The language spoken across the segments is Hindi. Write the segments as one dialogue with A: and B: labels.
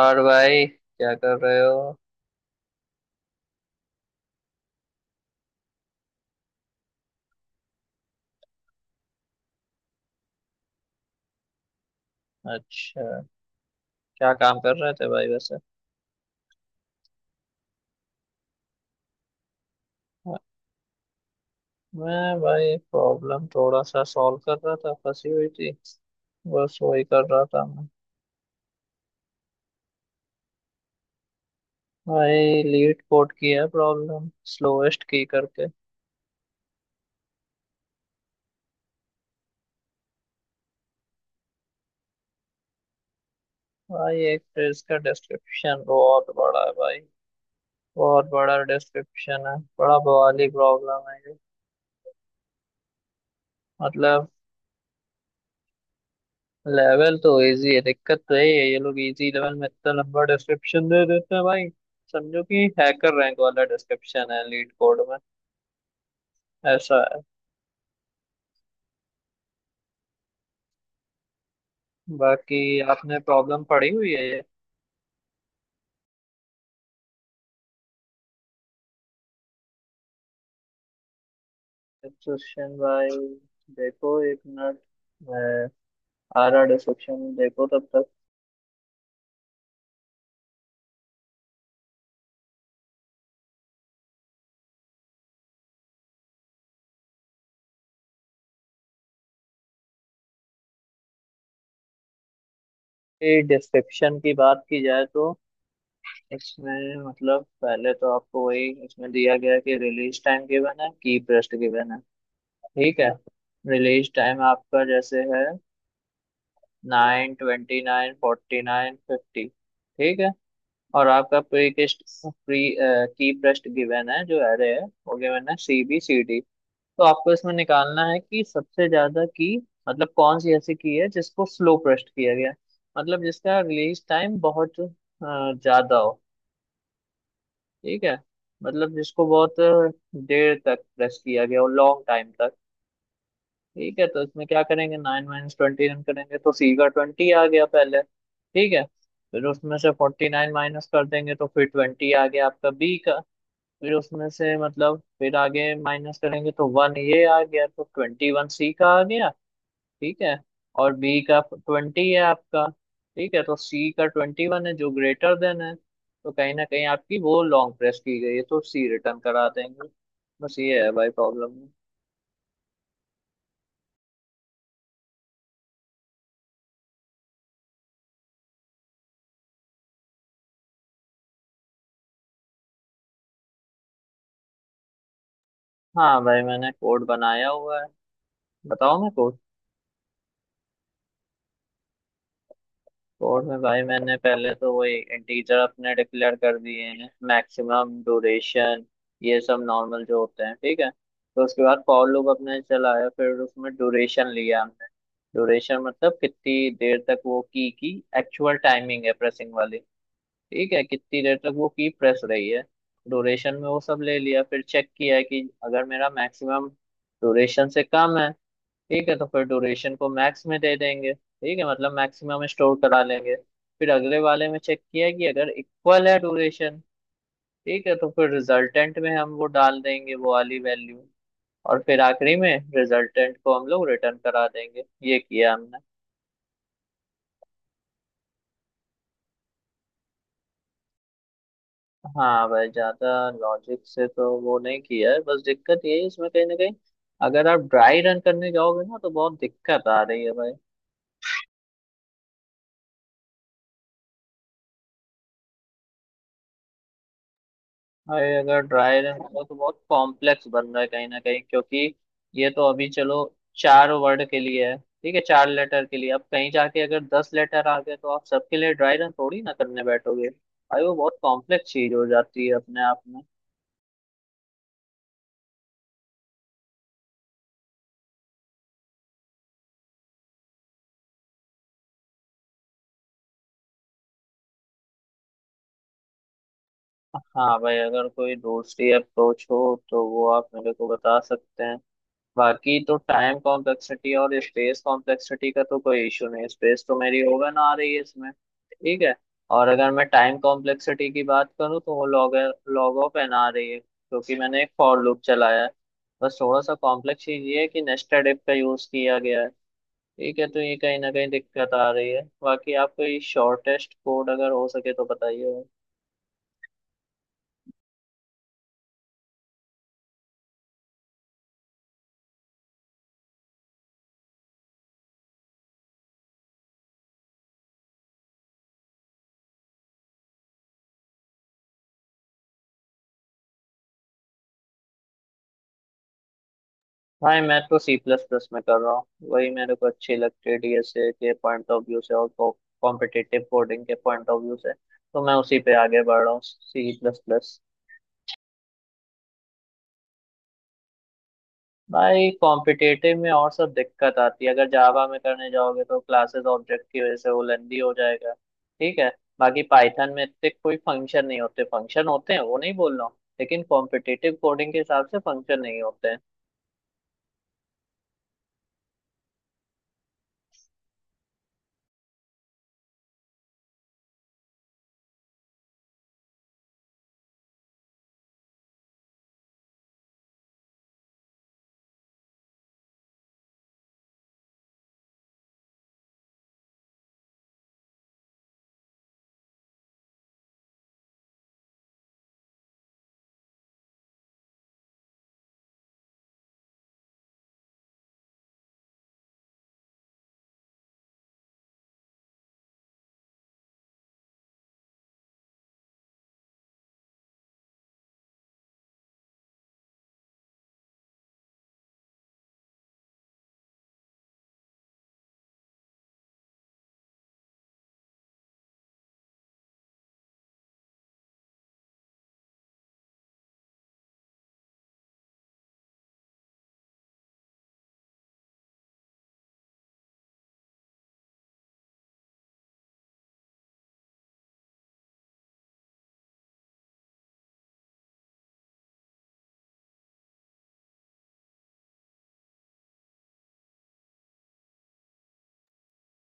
A: और भाई क्या कर रहे हो। अच्छा, क्या काम कर रहे थे भाई वैसे। मैं भाई प्रॉब्लम थोड़ा सा सॉल्व कर रहा था, फंसी हुई थी। बस वही कर रहा था मैं। भाई लीड कोड की है प्रॉब्लम, स्लोएस्ट की करके। भाई एक तो इसका डिस्क्रिप्शन बहुत बड़ा है भाई, बहुत बड़ा डिस्क्रिप्शन है, बड़ा बवाली प्रॉब्लम है ये। मतलब लेवल तो इजी है, दिक्कत तो यही है, ये लोग इजी लेवल में इतना लंबा डिस्क्रिप्शन दे देते हैं भाई। समझो कि हैकर रैंक वाला डिस्क्रिप्शन है लीड कोड में, ऐसा है। बाकी आपने प्रॉब्लम पढ़ी हुई है ये? डिस्क्रिप्शन भाई, देखो एक मिनट, मैं आ रहा, डिस्क्रिप्शन देखो तब तक। ये डिस्क्रिप्शन की बात की जाए तो इसमें मतलब पहले तो आपको वही इसमें दिया गया है कि रिलीज टाइम गिवन है, की प्रेस्ट गिवन है, ठीक है। रिलीज टाइम आपका जैसे है nine twenty, nine forty, nine fifty, ठीक है। और आपका प्रीकेस्ट, प्री की ब्रेस्ट गिवन है जो एरे है, वो गिवन है सी बी सी डी। तो आपको इसमें निकालना है कि सबसे ज्यादा की, मतलब कौन सी ऐसी की है जिसको स्लो प्रेस्ट किया गया है। मतलब जिसका रिलीज टाइम बहुत ज्यादा हो, ठीक है। मतलब जिसको बहुत देर तक प्रेस किया गया हो, लॉन्ग टाइम तक, ठीक है। तो इसमें क्या करेंगे, नाइन माइनस ट्वेंटी रन करेंगे तो सी का ट्वेंटी आ गया पहले, ठीक है। फिर उसमें से फोर्टी नाइन माइनस कर देंगे तो फिर ट्वेंटी आ गया आपका बी का। फिर उसमें से मतलब फिर आगे माइनस करेंगे तो वन ये आ गया, तो ट्वेंटी वन सी का आ गया, ठीक है। और बी का ट्वेंटी है आपका, ठीक है। तो सी का ट्वेंटी वन है जो ग्रेटर देन है, तो कहीं ना कहीं आपकी वो लॉन्ग प्रेस की गई है, तो सी रिटर्न करा देंगे। बस ये है भाई प्रॉब्लम। हाँ भाई, मैंने कोड बनाया हुआ है। बताओ मैं कोर्स कोर्स में भाई, मैंने पहले तो वही इंटीजर अपने डिक्लेयर कर दिए हैं, मैक्सिमम ड्यूरेशन, ये सब नॉर्मल जो होते हैं, ठीक है। तो उसके बाद फॉर लूप अपने चलाया, फिर उसमें ड्यूरेशन लिया हमने। ड्यूरेशन मतलब कितनी देर तक वो की एक्चुअल टाइमिंग है, प्रेसिंग वाली, ठीक है, कितनी देर तक वो की प्रेस रही है। ड्यूरेशन में वो सब ले लिया, फिर चेक किया कि अगर मेरा मैक्सिमम ड्यूरेशन से कम है, ठीक है, तो फिर ड्यूरेशन को मैक्स में दे देंगे, ठीक है, मतलब मैक्सिमम स्टोर करा लेंगे। फिर अगले वाले में चेक किया कि अगर इक्वल है ड्यूरेशन, ठीक है, तो फिर रिजल्टेंट में हम वो डाल देंगे, वो वाली वैल्यू। और फिर आखिरी में रिजल्टेंट को हम लोग रिटर्न करा देंगे, ये किया हमने। हाँ भाई, ज्यादा लॉजिक से तो वो नहीं किया है, बस दिक्कत ये है इसमें कहीं ना कहीं, अगर आप ड्राई रन करने जाओगे ना तो बहुत दिक्कत आ रही है भाई। भाई अगर ड्राई रन करो तो बहुत कॉम्प्लेक्स बन रहा है कहीं ना कहीं, क्योंकि ये तो अभी चलो चार वर्ड के लिए है, ठीक है, चार लेटर के लिए। अब कहीं जाके अगर 10 लेटर आ गए तो आप सबके लिए ड्राई रन थोड़ी ना करने बैठोगे भाई, वो बहुत कॉम्प्लेक्स चीज हो जाती है अपने आप में। हाँ भाई, अगर कोई दूसरी अप्रोच हो तो वो आप मेरे को बता सकते हैं। बाकी तो टाइम कॉम्प्लेक्सिटी और स्पेस कॉम्प्लेक्सिटी का तो कोई इशू नहीं, स्पेस तो मेरी ओवन आ रही है इसमें, ठीक है। और अगर मैं टाइम कॉम्प्लेक्सिटी की बात करूँ तो वो लॉग लॉग ऑफ एन आ रही है, क्योंकि मैंने एक फॉर लूप चलाया है। बस थोड़ा सा कॉम्प्लेक्स चीज ये है कि नेस्टेड इफ का यूज किया गया है, ठीक है, तो ये कहीं ना कहीं दिक्कत आ रही है। बाकी आप कोई शॉर्टेस्ट कोड अगर हो सके तो बताइए। भाई मैं तो सी प्लस प्लस में कर रहा हूँ, वही मेरे को अच्छी लगती है डीएसए के पॉइंट ऑफ व्यू से, और कॉम्पिटिटिव कोडिंग के पॉइंट ऑफ व्यू से, तो मैं उसी पे आगे बढ़ रहा हूँ सी प्लस प्लस। भाई कॉम्पिटिटिव में और सब दिक्कत आती है, अगर जावा में करने जाओगे तो क्लासेस ऑब्जेक्ट की वजह से वो लेंदी हो जाएगा, ठीक है। बाकी पाइथन में इतने कोई फंक्शन नहीं होते, फंक्शन होते हैं, वो नहीं बोल रहा हूँ, लेकिन कॉम्पिटिटिव कोडिंग के हिसाब से फंक्शन नहीं होते हैं।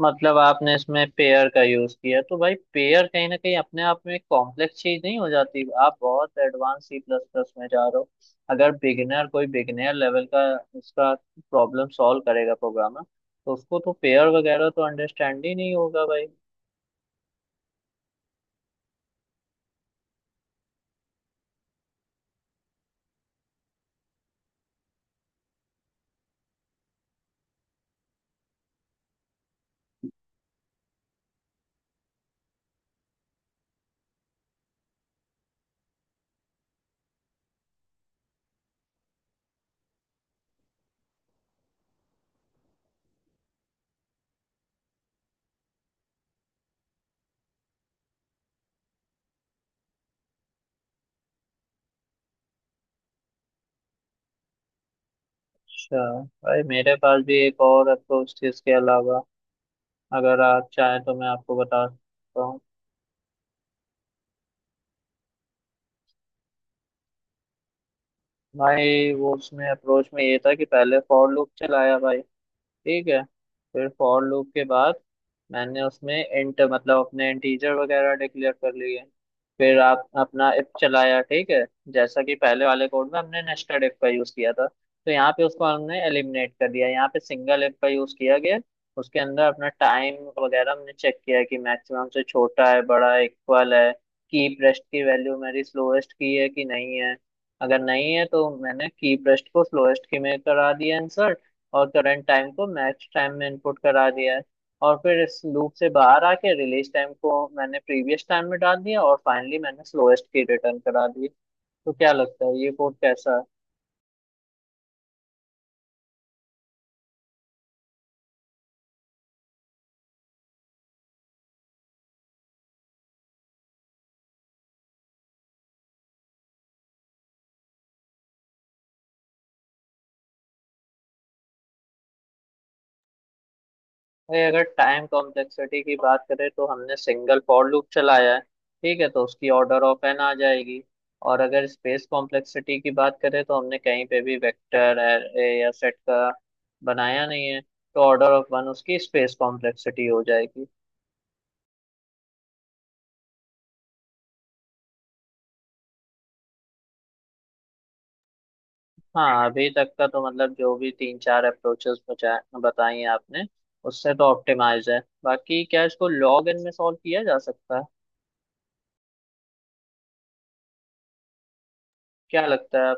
A: मतलब आपने इसमें पेयर का यूज किया, तो भाई पेयर कहीं ना कहीं अपने आप में एक कॉम्प्लेक्स चीज नहीं हो जाती? आप बहुत एडवांस सी प्लस प्लस में जा रहे हो। अगर बिगिनर, कोई बिगिनर लेवल का इसका प्रॉब्लम सॉल्व करेगा प्रोग्रामर, तो उसको तो पेयर वगैरह तो अंडरस्टैंड ही नहीं होगा भाई। अच्छा, भाई मेरे पास भी एक और अप्रोच थी इसके अलावा, अगर आप चाहें तो मैं आपको बता सकता हूँ। भाई वो उसमें अप्रोच में ये था कि पहले फॉर लूप चलाया भाई, ठीक है। फिर फॉर लूप के बाद मैंने उसमें इंट मतलब अपने इंटीजर वगैरह डिक्लेयर कर लिए। फिर आप अपना इफ चलाया, ठीक है। जैसा कि पहले वाले कोड में हमने नेस्टेड इफ का यूज किया था, तो यहाँ पे उसको हमने एलिमिनेट कर दिया, यहाँ पे सिंगल इफ का यूज किया गया। उसके अंदर अपना टाइम वगैरह हमने चेक किया है कि मैक्सिमम से छोटा है, बड़ा है, इक्वल है, की प्रेस्ट की वैल्यू मेरी स्लोएस्ट की है कि नहीं है। अगर नहीं है तो मैंने की प्रेस्ट को स्लोएस्ट की में करा दिया आंसर, और करंट टाइम को मैच टाइम में इनपुट करा दिया है। और फिर इस लूप से बाहर आके रिलीज टाइम को मैंने प्रीवियस टाइम में डाल दिया, और फाइनली मैंने स्लोएस्ट की रिटर्न करा दी। तो क्या लगता है ये कोड कैसा है? भाई अगर टाइम कॉम्प्लेक्सिटी की बात करें, तो हमने सिंगल फॉर लूप चलाया है, ठीक है, तो उसकी ऑर्डर ऑफ एन आ जाएगी। और अगर स्पेस कॉम्प्लेक्सिटी की बात करें, तो हमने कहीं पे भी वेक्टर एरे या सेट का बनाया नहीं है, तो ऑर्डर ऑफ वन उसकी स्पेस कॉम्प्लेक्सिटी हो जाएगी। हाँ, अभी तक का तो मतलब जो भी तीन चार अप्रोचेस बताई हैं आपने, उससे तो ऑप्टिमाइज है। बाकी क्या इसको लॉग इन में सॉल्व किया जा सकता है? क्या लगता है?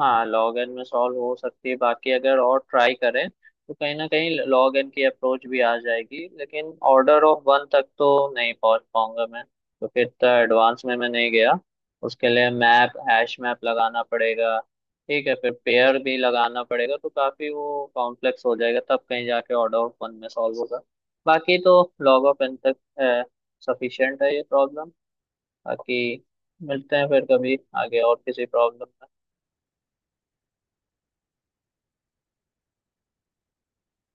A: हाँ लॉग एन में सॉल्व हो सकती है, बाकी अगर और ट्राई करें तो कहीं ना कहीं लॉग एन की अप्रोच भी आ जाएगी, लेकिन ऑर्डर ऑफ वन तक तो नहीं पहुंच पाऊंगा मैं, तो फिर इतना एडवांस में मैं नहीं गया। उसके लिए मैप हैश मैप लगाना पड़ेगा, ठीक है, फिर पेयर भी लगाना पड़ेगा, तो काफी वो कॉम्प्लेक्स हो जाएगा, तब कहीं जाके ऑर्डर ऑफ वन में सॉल्व होगा। बाकी तो लॉग ऑफ एन तक सफिशियंट है ये प्रॉब्लम। बाकी मिलते हैं फिर कभी आगे और किसी प्रॉब्लम।